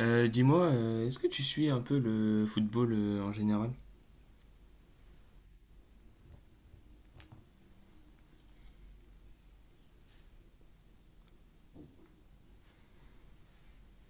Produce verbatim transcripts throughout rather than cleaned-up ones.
Euh, dis-moi, euh, est-ce que tu suis un peu le football euh, en général?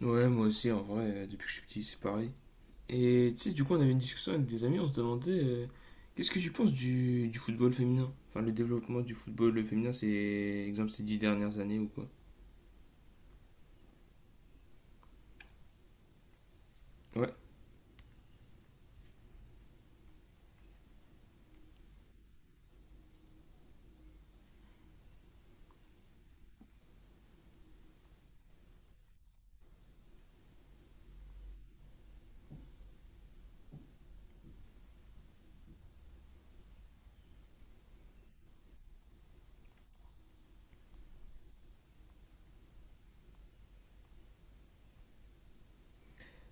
Ouais, moi aussi, en vrai, euh, depuis que je suis petit, c'est pareil. Et tu sais, du coup, on avait une discussion avec des amis, on se demandait euh, qu'est-ce que tu penses du, du football féminin? Enfin, le développement du football féminin, c'est, exemple, ces dix dernières années ou quoi? Ouais.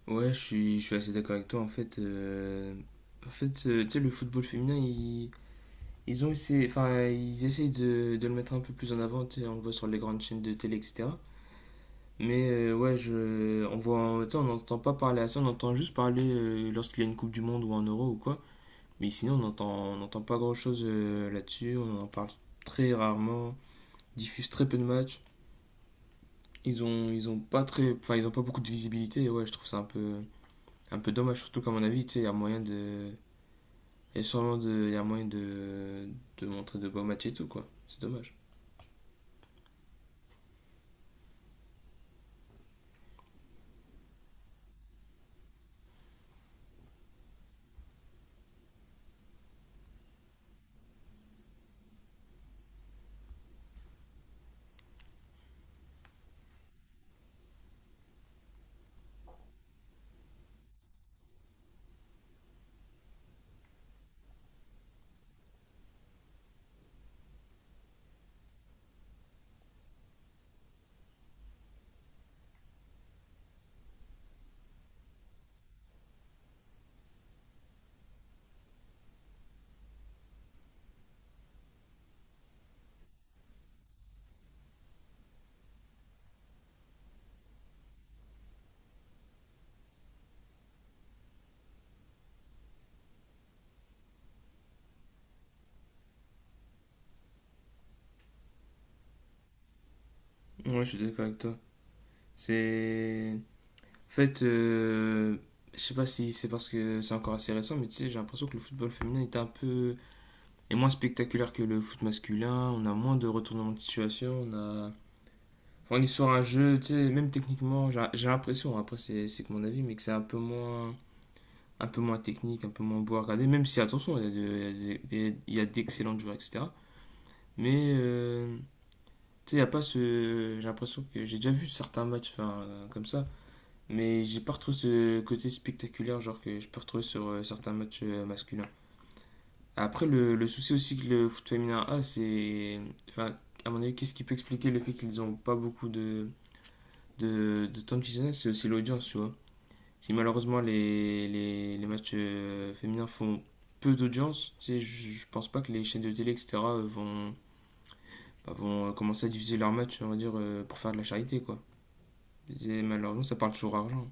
Ouais, je suis, je suis assez d'accord avec toi, en fait. Euh, en fait, euh, tu sais, le football féminin, ils, ils ont essayé, enfin, ils essayent de, de le mettre un peu plus en avant, tu sais, on le voit sur les grandes chaînes de télé, et cetera. Mais euh, ouais, je, on voit, tu sais, on n'entend pas parler à ça, on entend juste parler euh, lorsqu'il y a une Coupe du Monde ou un Euro ou quoi. Mais sinon, on n'entend on n'entend pas grand-chose euh, là-dessus, on en parle très rarement, diffuse très peu de matchs. Ils ont, ils ont pas très, enfin, ils ont pas beaucoup de visibilité. Et ouais, je trouve ça un peu, un peu dommage, surtout qu'à mon avis, tu sais, il y a moyen de, il y a sûrement de, il y a moyen de, de montrer de beaux matchs et tout quoi. C'est dommage. Ouais, je suis d'accord avec toi. C'est En fait, euh, je sais pas si c'est parce que c'est encore assez récent, mais tu sais, j'ai l'impression que le football féminin est un peu est moins spectaculaire que le foot masculin. On a moins de retournements de situation. On a Enfin, on est sur un jeu, tu sais, même techniquement, j'ai j'ai l'impression. Après, c'est c'est que mon avis, mais que c'est un peu moins un peu moins technique, un peu moins beau à regarder. Même si attention, il y a de- il y a des- il y a d'excellents joueurs, et cetera. Mais euh, tu sais, il y a pas ce. J'ai l'impression que j'ai déjà vu certains matchs, enfin, euh, comme ça. Mais j'ai pas retrouvé ce côté spectaculaire, genre que je peux retrouver sur euh, certains matchs euh, masculins. Après, le, le souci aussi que le foot féminin a, c'est. Enfin, à mon avis, qu'est-ce qui peut expliquer le fait qu'ils n'ont pas beaucoup de, de, de temps de visionnage. C'est aussi l'audience, tu vois. Si malheureusement les, les, les matchs euh, féminins font peu d'audience, tu sais, je je pense pas que les chaînes de télé, et cetera, vont, bah, vont commencer à diffuser leurs matchs, on va dire, euh, pour faire de la charité, quoi. C'est- Malheureusement, ça parle toujours argent.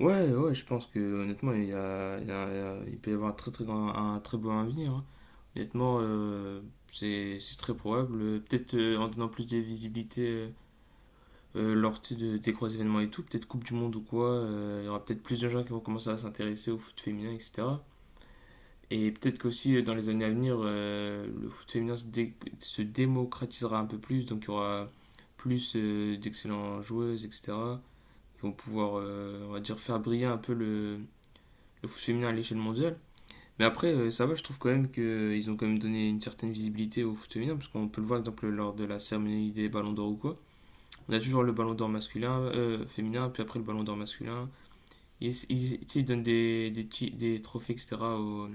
Ouais, ouais, je pense que honnêtement, il y a, il y a- il y a- il peut y avoir un très, très grand, un très beau avenir, hein. Honnêtement, euh, c'est c'est très probable. Euh, Peut-être euh, en donnant plus de visibilité euh, euh, lors tu sais, de, des gros événements et tout, peut-être Coupe du Monde ou quoi, euh, il y aura peut-être plus de gens qui vont commencer à s'intéresser au foot féminin, et cetera. Et peut-être qu'aussi euh, dans les années à venir, euh, le foot féminin se, dé- se démocratisera un peu plus, donc il y aura plus euh, d'excellentes joueuses, et cetera. Ils vont pouvoir, euh, on va dire, faire briller un peu le le foot féminin à l'échelle mondiale. Mais après, euh, ça va, je trouve quand même qu'ils ont quand même donné une certaine visibilité au foot féminin, parce qu'on peut le voir, par exemple, lors de la cérémonie des ballons d'or ou quoi. On a toujours le ballon d'or masculin, euh, féminin, puis après le ballon d'or masculin. Ils, ils, ils donnent des, des, des trophées, et cetera, aux,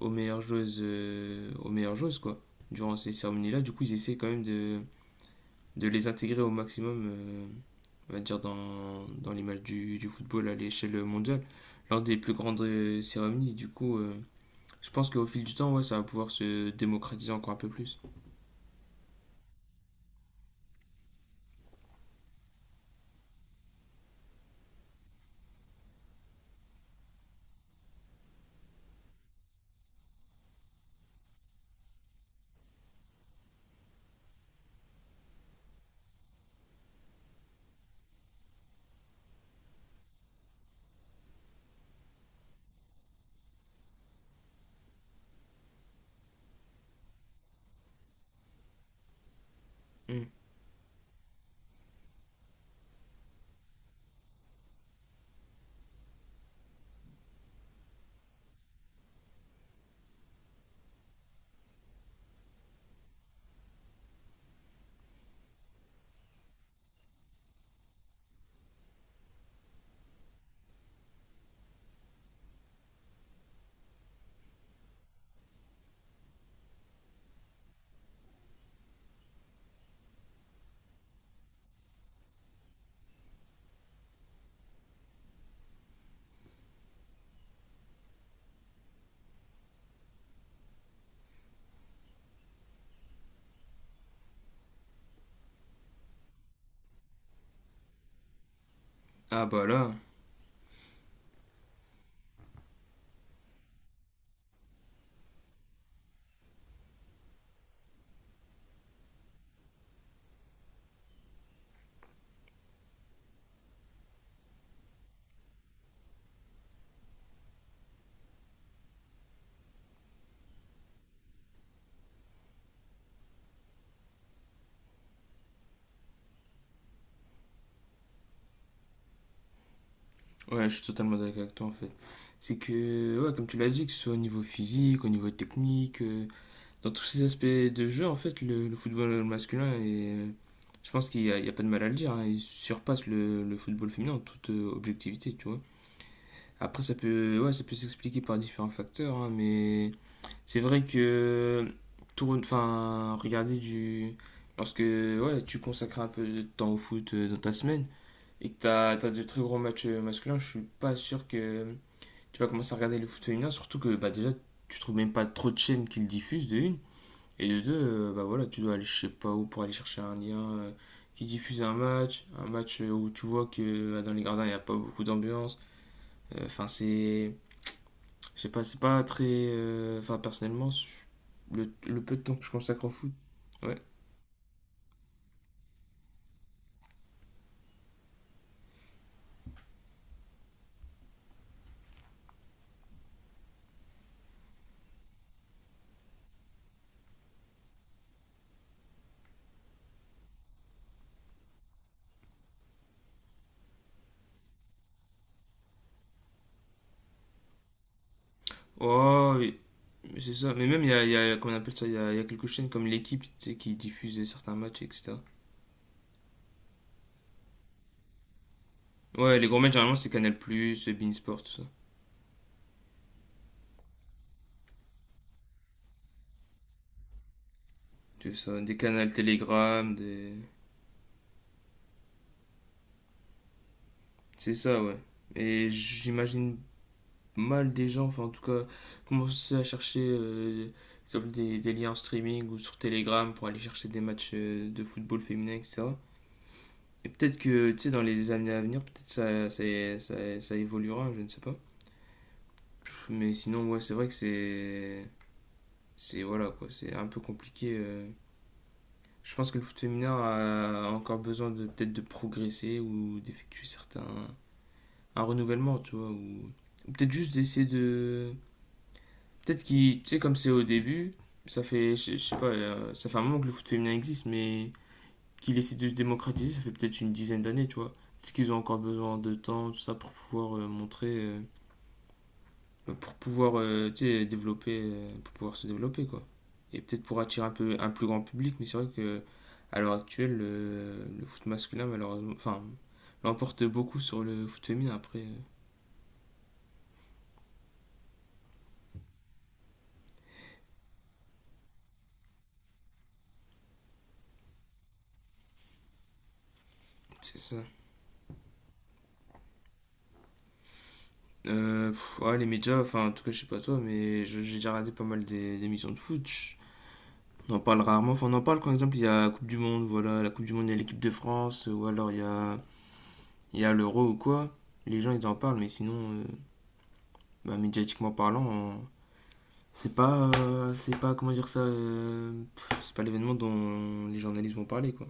aux meilleures joueuses, euh, aux meilleures joueuses, quoi, durant ces cérémonies-là. Du coup, ils essaient quand même de, de les intégrer au maximum, euh, on va dire, dans, dans l'image du, du football à l'échelle mondiale, lors des plus grandes euh, cérémonies. Du coup, euh, je pense qu'au fil du temps, ouais, ça va pouvoir se démocratiser encore un peu plus. Mm. Ah bah là, ouais, je suis totalement d'accord avec toi en fait. C'est que, ouais, comme tu l'as dit, que ce soit au niveau physique, au niveau technique, euh, dans tous ces aspects de jeu, en fait, le, le football masculin est. euh, Je pense qu'il n'y a, il y a pas de mal à le dire, hein, il surpasse le, le football féminin en toute euh, objectivité, tu vois. Après, ça peut, ouais, ça peut s'expliquer par différents facteurs, hein, mais c'est vrai que tourne, enfin, regarder du, lorsque ouais, tu consacres un peu de temps au foot euh, dans ta semaine et que t'as as de très gros matchs euh, masculins, je suis pas sûr que tu vas commencer à regarder le foot féminin, surtout que bah déjà tu trouves même pas trop de chaînes qui le diffusent de une et de deux, euh, bah voilà, tu dois aller je sais pas où pour aller chercher un lien euh, qui diffuse un match, un match euh, où tu vois que euh, dans les gradins il n'y a pas beaucoup d'ambiance. Euh, Enfin, c'est je sais pas, c'est pas très. euh, Enfin, personnellement, je- le, le peu de temps que je consacre au foot. Ouais. Oh, oui, mais c'est ça. Mais même, il y a, il y a- comment on appelle ça, il y a, il y a quelques chaînes comme l'équipe, tu sais, qui diffusent certains matchs, et cetera. Ouais, les gros matchs, généralement, c'est Canal+, Beansport, tout ça. C'est ça, des canals Telegram, des... C'est ça, ouais. Et j'imagine mal des gens, enfin, en tout cas, commencer à chercher euh, comme des, des liens en streaming ou sur Telegram pour aller chercher des matchs euh, de football féminin, et cetera. Et peut-être que, tu sais, dans les années à venir, peut-être ça, ça, ça, ça évoluera, je ne sais pas. Mais sinon, ouais, c'est vrai que c'est. C'est voilà, quoi, c'est un peu compliqué. euh. Je pense que le foot féminin a encore besoin de peut-être de progresser ou d'effectuer certains. Un renouvellement, tu vois, ou. Ou peut-être juste d'essayer de. Peut-être qu'il. Tu sais, comme c'est au début, ça fait. Je je sais pas, euh, ça fait un moment que le foot féminin existe, mais qu'il essaie de se démocratiser, ça fait peut-être une dizaine d'années, tu vois. Peut-être qu'ils ont encore besoin de temps, tout ça, pour pouvoir euh, montrer, euh, pour pouvoir, euh, tu sais, développer, euh, pour pouvoir se développer, quoi. Et peut-être pour attirer un peu un plus grand public, mais c'est vrai que à l'heure actuelle, le, le foot masculin, malheureusement, enfin, l'emporte beaucoup sur le foot féminin, après, euh, c'est ça. Euh, pff, ouais, les médias, enfin, en tout cas, je sais pas toi, mais je- j'ai déjà regardé pas mal des- émissions de foot. Je- On en parle rarement. Enfin, on en parle quand, par exemple, il y a la Coupe du Monde, voilà, la Coupe du Monde, il y a l'équipe de France, euh, ou alors il y a, il y a l'Euro ou quoi. Les gens, ils en parlent, mais sinon, euh, bah, médiatiquement parlant, on- c'est pas, euh, c'est pas, comment dire ça, euh, pff, c'est pas l'événement dont les journalistes vont parler, quoi.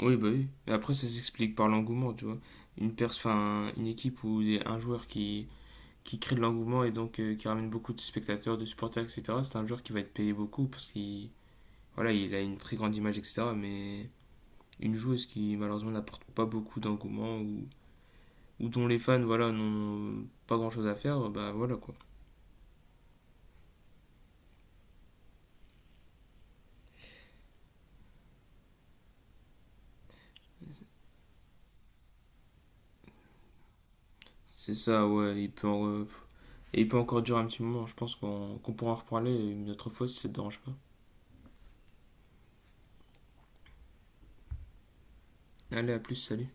Oui, bah oui. Et après, ça s'explique par l'engouement, tu vois. Une pers- enfin, une équipe ou des- un joueur qui, qui crée de l'engouement et donc euh, qui ramène beaucoup de spectateurs, de supporters, et cetera. C'est un joueur qui va être payé beaucoup parce qu'il, voilà, il a une très grande image, et cetera. Mais une joueuse qui malheureusement n'apporte pas beaucoup d'engouement ou, ou dont les fans voilà n'ont pas grand chose à faire, bah voilà quoi. C'est ça, ouais, il peut, en- et il peut encore durer un petit moment, je pense qu'on qu'on pourra en reparler une autre fois si ça te dérange pas. Allez, à plus, salut.